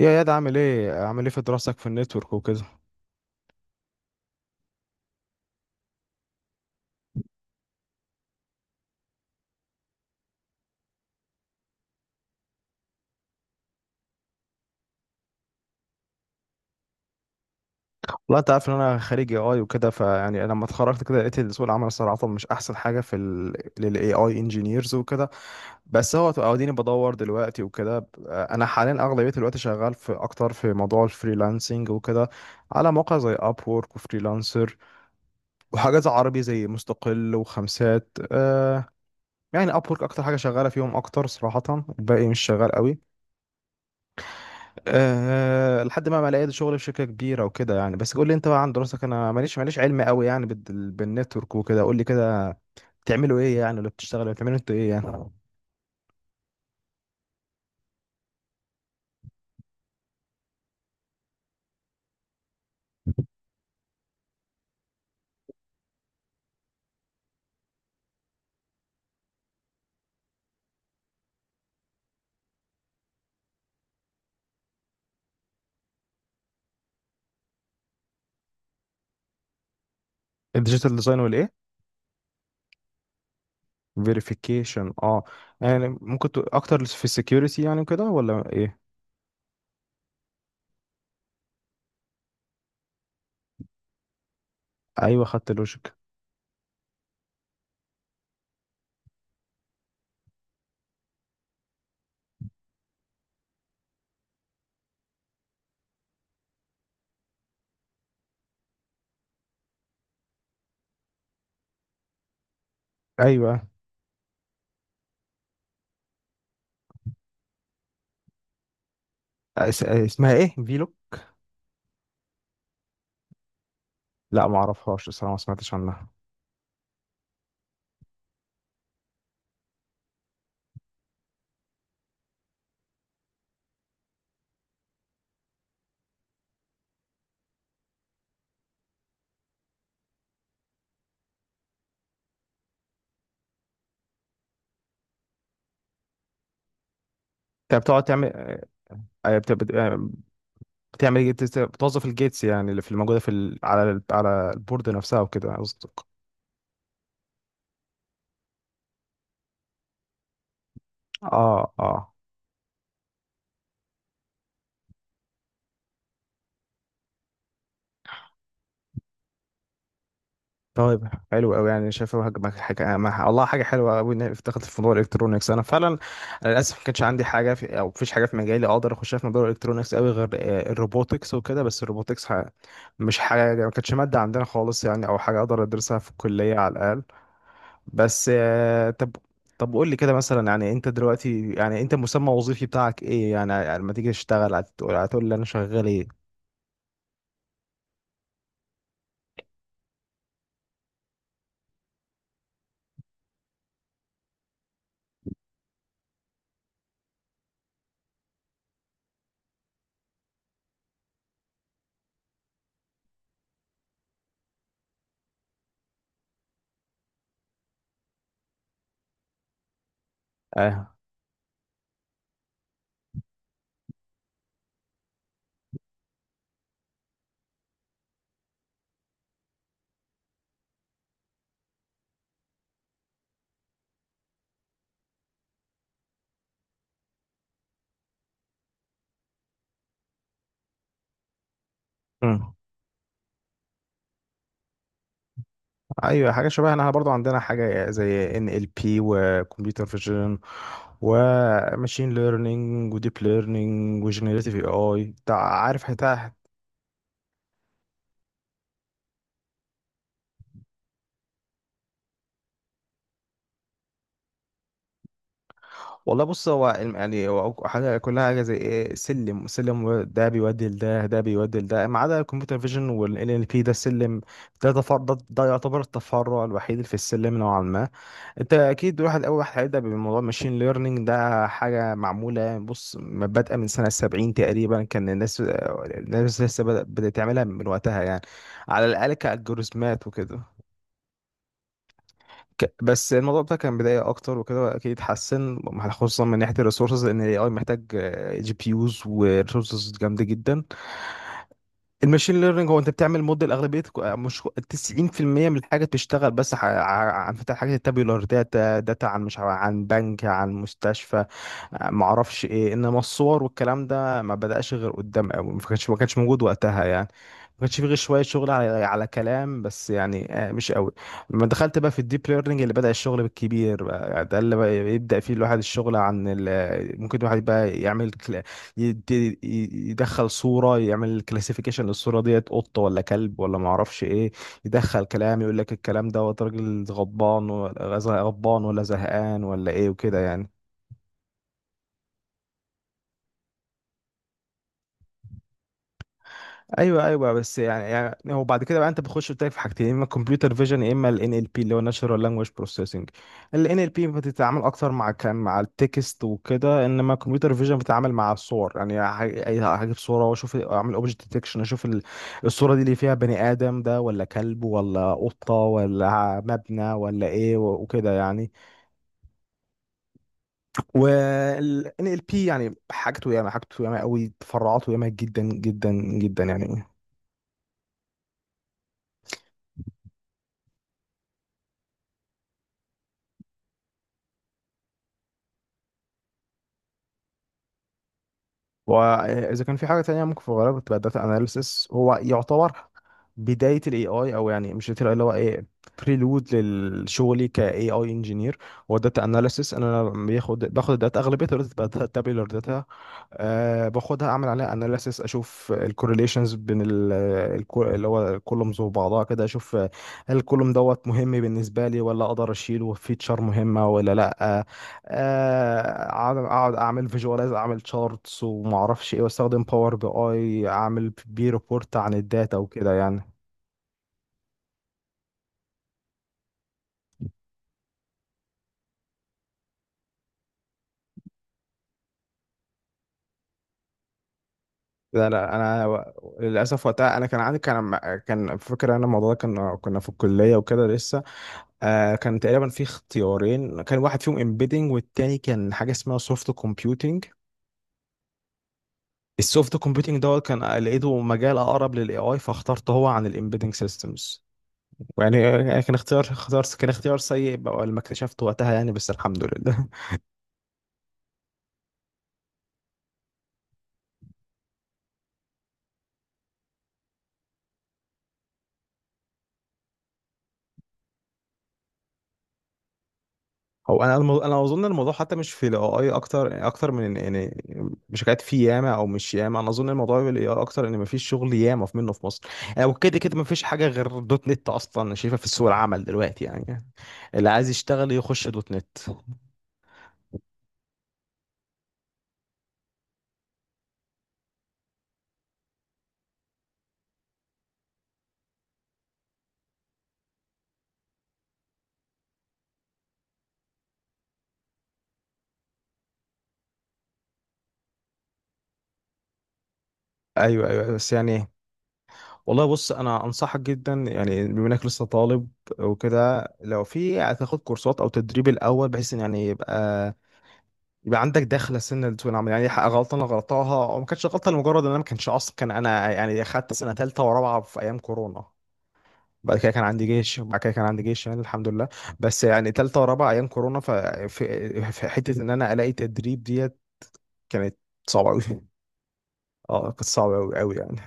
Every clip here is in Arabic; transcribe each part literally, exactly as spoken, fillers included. يا ياد عامل ايه عامل ايه في دراستك في النتورك وكده. والله انت عارف ان انا خريج اي اي وكده فيعني لما اتخرجت كده لقيت إن سوق العمل الصراحه مش احسن حاجه في الاي اي انجينيرز وكده. بس هو اديني بدور دلوقتي وكده، انا حاليا اغلبيه الوقت شغال في اكتر في موضوع الفريلانسنج وكده، على مواقع زي اب وورك وفريلانسر وحاجات زي عربي زي مستقل وخمسات. آه يعني اب وورك اكتر حاجه شغاله فيهم اكتر صراحه، الباقي مش شغال قوي. أه لحد ما ما لقيت شغل في شركة كبيرة وكده يعني. بس قول لي انت بقى عن دراستك، انا ماليش ماليش علم قوي يعني بال- بالنتورك وكده. قول لي كده، بتعملوا ايه يعني اللي بتشتغلوا يعني؟ بتعملوا انتوا ايه يعني؟ الديجيتال ديزاين والايه؟ فيريفيكيشن، اه. يعني ممكن تقول اكتر في السكيورتي يعني كده ولا ايه؟ ايوه خدت لوجيك. ايوه. اس- آه، اسمها ايه فيلو؟ لا ما اعرفهاش الصراحة، ما سمعتش عنها. انت بتقعد تعمل أيوة. بت- بت- آه، بتعمل إيه؟ بتست- بتوظف الجيتس يعني اللي في الموجودة في ال... على ال... على البورد نفسها وكده قصدي. اه اه. طيب حلو قوي يعني، شايفه هج- حاجه ما- والله حاجه حلوه قوي ان هي افتكرت في موضوع الالكترونكس. انا فعلا انا للاسف ما كانش عندي حاجه في او مفيش حاجه في مجالي اقدر اخشها في موضوع الالكترونكس قوي غير آه، الروبوتكس وكده. بس الروبوتكس ح- مش حاجه، ما كانتش ماده عندنا خالص يعني او حاجه اقدر ادرسها في الكليه على الاقل. بس آه، طب، طب قول لي كده مثلا يعني انت دلوقتي يعني انت المسمى الوظيفي بتاعك ايه يعني لما تيجي تشتغل، هتقول هتقول لي انا شغال ايه؟ اه، ايوه حاجه شبهنا. احنا برضو عندنا حاجه زي ان ال بي وكمبيوتر فيجن وماشين ليرنينج وديب ليرنينج وجنريتيف اي اي، عارف حتى. والله بص، هو الم- يعني هو حاجه كلها حاجه زي ايه، سلم. سلم ده بيودي لده، ده بيودي لده، ما عدا الكمبيوتر فيجن والان ال بي، ده السلم، ده تفر ده, ده يعتبر التفرع الوحيد في السلم نوعا ما. انت اكيد واحد، اول واحد هيبدا بموضوع الماشين ليرنينج. ده حاجه معموله يعني، بص ما بادئه من سنه سبعين تقريبا، كان الناس الناس لسه بدأ- بدات تعملها من وقتها يعني، على الاقل كالجوريزمات وكده. ك- بس الموضوع ده كان بدايه اكتر وكده، اكيد اتحسن مع- خصوصا من ناحيه الريسورسز، لان الاي اي محتاج جي بي يوز وريسورسز جامده جدا. الماشين ليرنينج هو انت بتعمل موديل، اغلبيه مش تسعين في المية من الحاجه بتشتغل بس ع- ع- عن فتح حاجات التابيولار داتا. داتا عن مش عارف- عن بنك، عن مستشفى، آه، معرفش ايه. انما الصور والكلام ده ما بدأش غير قدام قوي، ما كانش ما كانش موجود وقتها يعني، ما كانش فيه غير شويه شغل على على كلام بس يعني، آه، مش قوي. لما دخلت بقى في الديب ليرنينج اللي بدأ الشغل بالكبير بقى يعني، ده اللي بقى يبدأ فيه الواحد الشغل عن ال- ممكن الواحد بقى يعمل، يدي يدخل صورة يعمل كلاسيفيكيشن للصورة ديت، قطة ولا كلب ولا ما اعرفش ايه. يدخل كلام يقول لك الكلام دوت راجل غضبان ولا غز- غضبان ولا زهقان ولا ايه وكده يعني. ايوه ايوه. بس يعني يعني هو بعد كده بقى انت بتخش قلت لك في حاجتين، يا اما الكمبيوتر فيجن يا اما الان ال بي اللي هو ناتشورال لانجويج بروسيسنج. الان ال بي بتتعامل اكتر مع كان مع التكست وكده، انما الكمبيوتر فيجن بتتعامل مع الصور يعني، ه- ه- هجيب صوره واشوف اعمل اوبجكت ديتكشن، اشوف ال- الصوره دي اللي فيها بني ادم ده ولا كلب ولا قطه ولا مبنى ولا ايه و- وكده يعني. وال إن إل بي يعني حاجته ياما، حاجته ياما قوي، تفرعاته ياما جدا جدا جدا يعني. واذا كان في حاجه تانية، ممكن في الغالب بتبقى داتا اناليسيس. هو يعتبر بدايه الاي اي، او يعني مش بداية ال إيه آي، اللي هو ايه، بريلود لشغلي كاي اي انجينير. هو داتا اناليسيس، انا بياخد باخد الداتا، اغلبيه الداتا بتبقى تابيولار داتا. أه، باخدها اعمل عليها اناليسيس، اشوف الكورليشنز بين ال الكو- اللي هو الكولومز وبعضها كده. اشوف آه، هل الكولوم دوت مهم بالنسبه لي ولا اقدر اشيله، فيتشر مهمه ولا لا. آه، اقعد، أقعد اعمل فيجواليز، اعمل تشارتس وما اعرفش ايه، واستخدم باور بي اي، اعمل بي ريبورت عن الداتا وكده يعني. لا لا انا و- للاسف وقتها انا كان عندي، كان كان فكره انا الموضوع ده، كنا كنا في الكليه وكده لسه، آه كان تقريبا في اختيارين، كان واحد فيهم امبيدنج والتاني كان حاجه اسمها سوفت كومبيوتينج. السوفت كومبيوتينج دوت كان لقيته مجال اقرب للاي اي، فاخترته هو عن الامبيدنج سيستمز. يعني آه، كان اختيار، اختيار كان اختيار سيء بقى لما اكتشفته وقتها يعني، بس الحمد لله. هو انا المو... انا اظن الموضوع حتى مش في الاي اي اكتر، يعني اكتر من إن- يعني مش حكايه في ياما، او مش ياما، انا اظن الموضوع في الاي اي اكتر ان مفيش شغل ياما في منه في مصر يعني، وكده كده مفيش حاجه غير دوت نت اصلا شايفها في سوق العمل دلوقتي يعني. اللي عايز يشتغل يخش دوت نت. ايوه ايوه بس يعني. والله بص، انا انصحك جدا يعني بما انك لسه طالب وكده، لو في هتاخد كورسات او تدريب الاول بحيث ان يعني يبقى يبقى عندك دخله سنه لسوق العمل يعني. حق- غلطه انا غلطاها، او ما كانتش غلطه، لمجرد ان انا ما كانش اصلا، كان انا يعني اخدت سنه ثالثه ورابعه في ايام كورونا، بعد كده كان عندي جيش، وبعد كده كان عندي جيش يعني الحمد لله. بس يعني ثالثه ورابعه ايام كورونا، ف- في في حته ان انا الاقي تدريب ديت كانت صعبه قوي اه كانت صعبه قوي قوي يعني.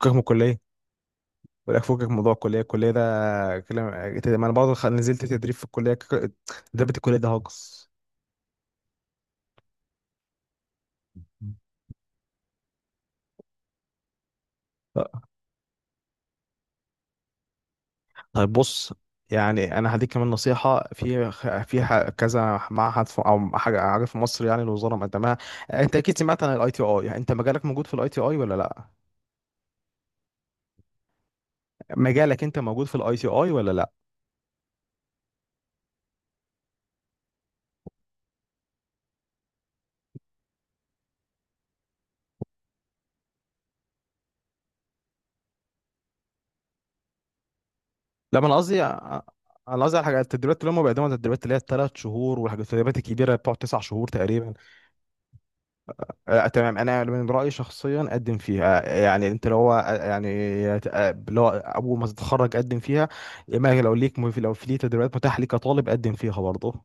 فكك من الكليه، ولا فكك من موضوع الكليه. الكليه ده كلام، ما انا برضه خ- نزلت تدريب في الكليه. ك- تدريب الكليه ده هاجس. طيب بص، يعني انا هديك كمان نصيحه في في ح- كذا معهد في او حاجه، حاجه في مصر يعني الوزاره مقدمها. انت اكيد سمعت عن الاي تي اي، يعني انت مجالك موجود في الاي تي اي ولا لا؟ مجالك انت موجود في الاي تي اي ولا لا؟ لا ما انا قصدي، انا قصدي على الحاجات التدريبات اللي هم بيقدموها، التدريبات اللي هي الثلاث شهور، والحاجات التدريبات الكبيره بتقعد تسع شهور تقريبا. آه، تمام، انا من رايي شخصيا قدم فيها. آه، يعني انت لو هو آه، يعني آه، لو اول ما تتخرج قدم فيها، اما لو ليك، لو في ليه تدريبات متاحه ليك كطالب قدم فيها برضه.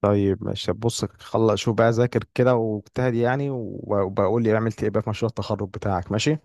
طيب ماشي بص، خلص شوف بقى ذاكر كده واجتهد يعني، وبقول لي عملت ايه بقى في مشروع التخرج بتاعك. ماشي.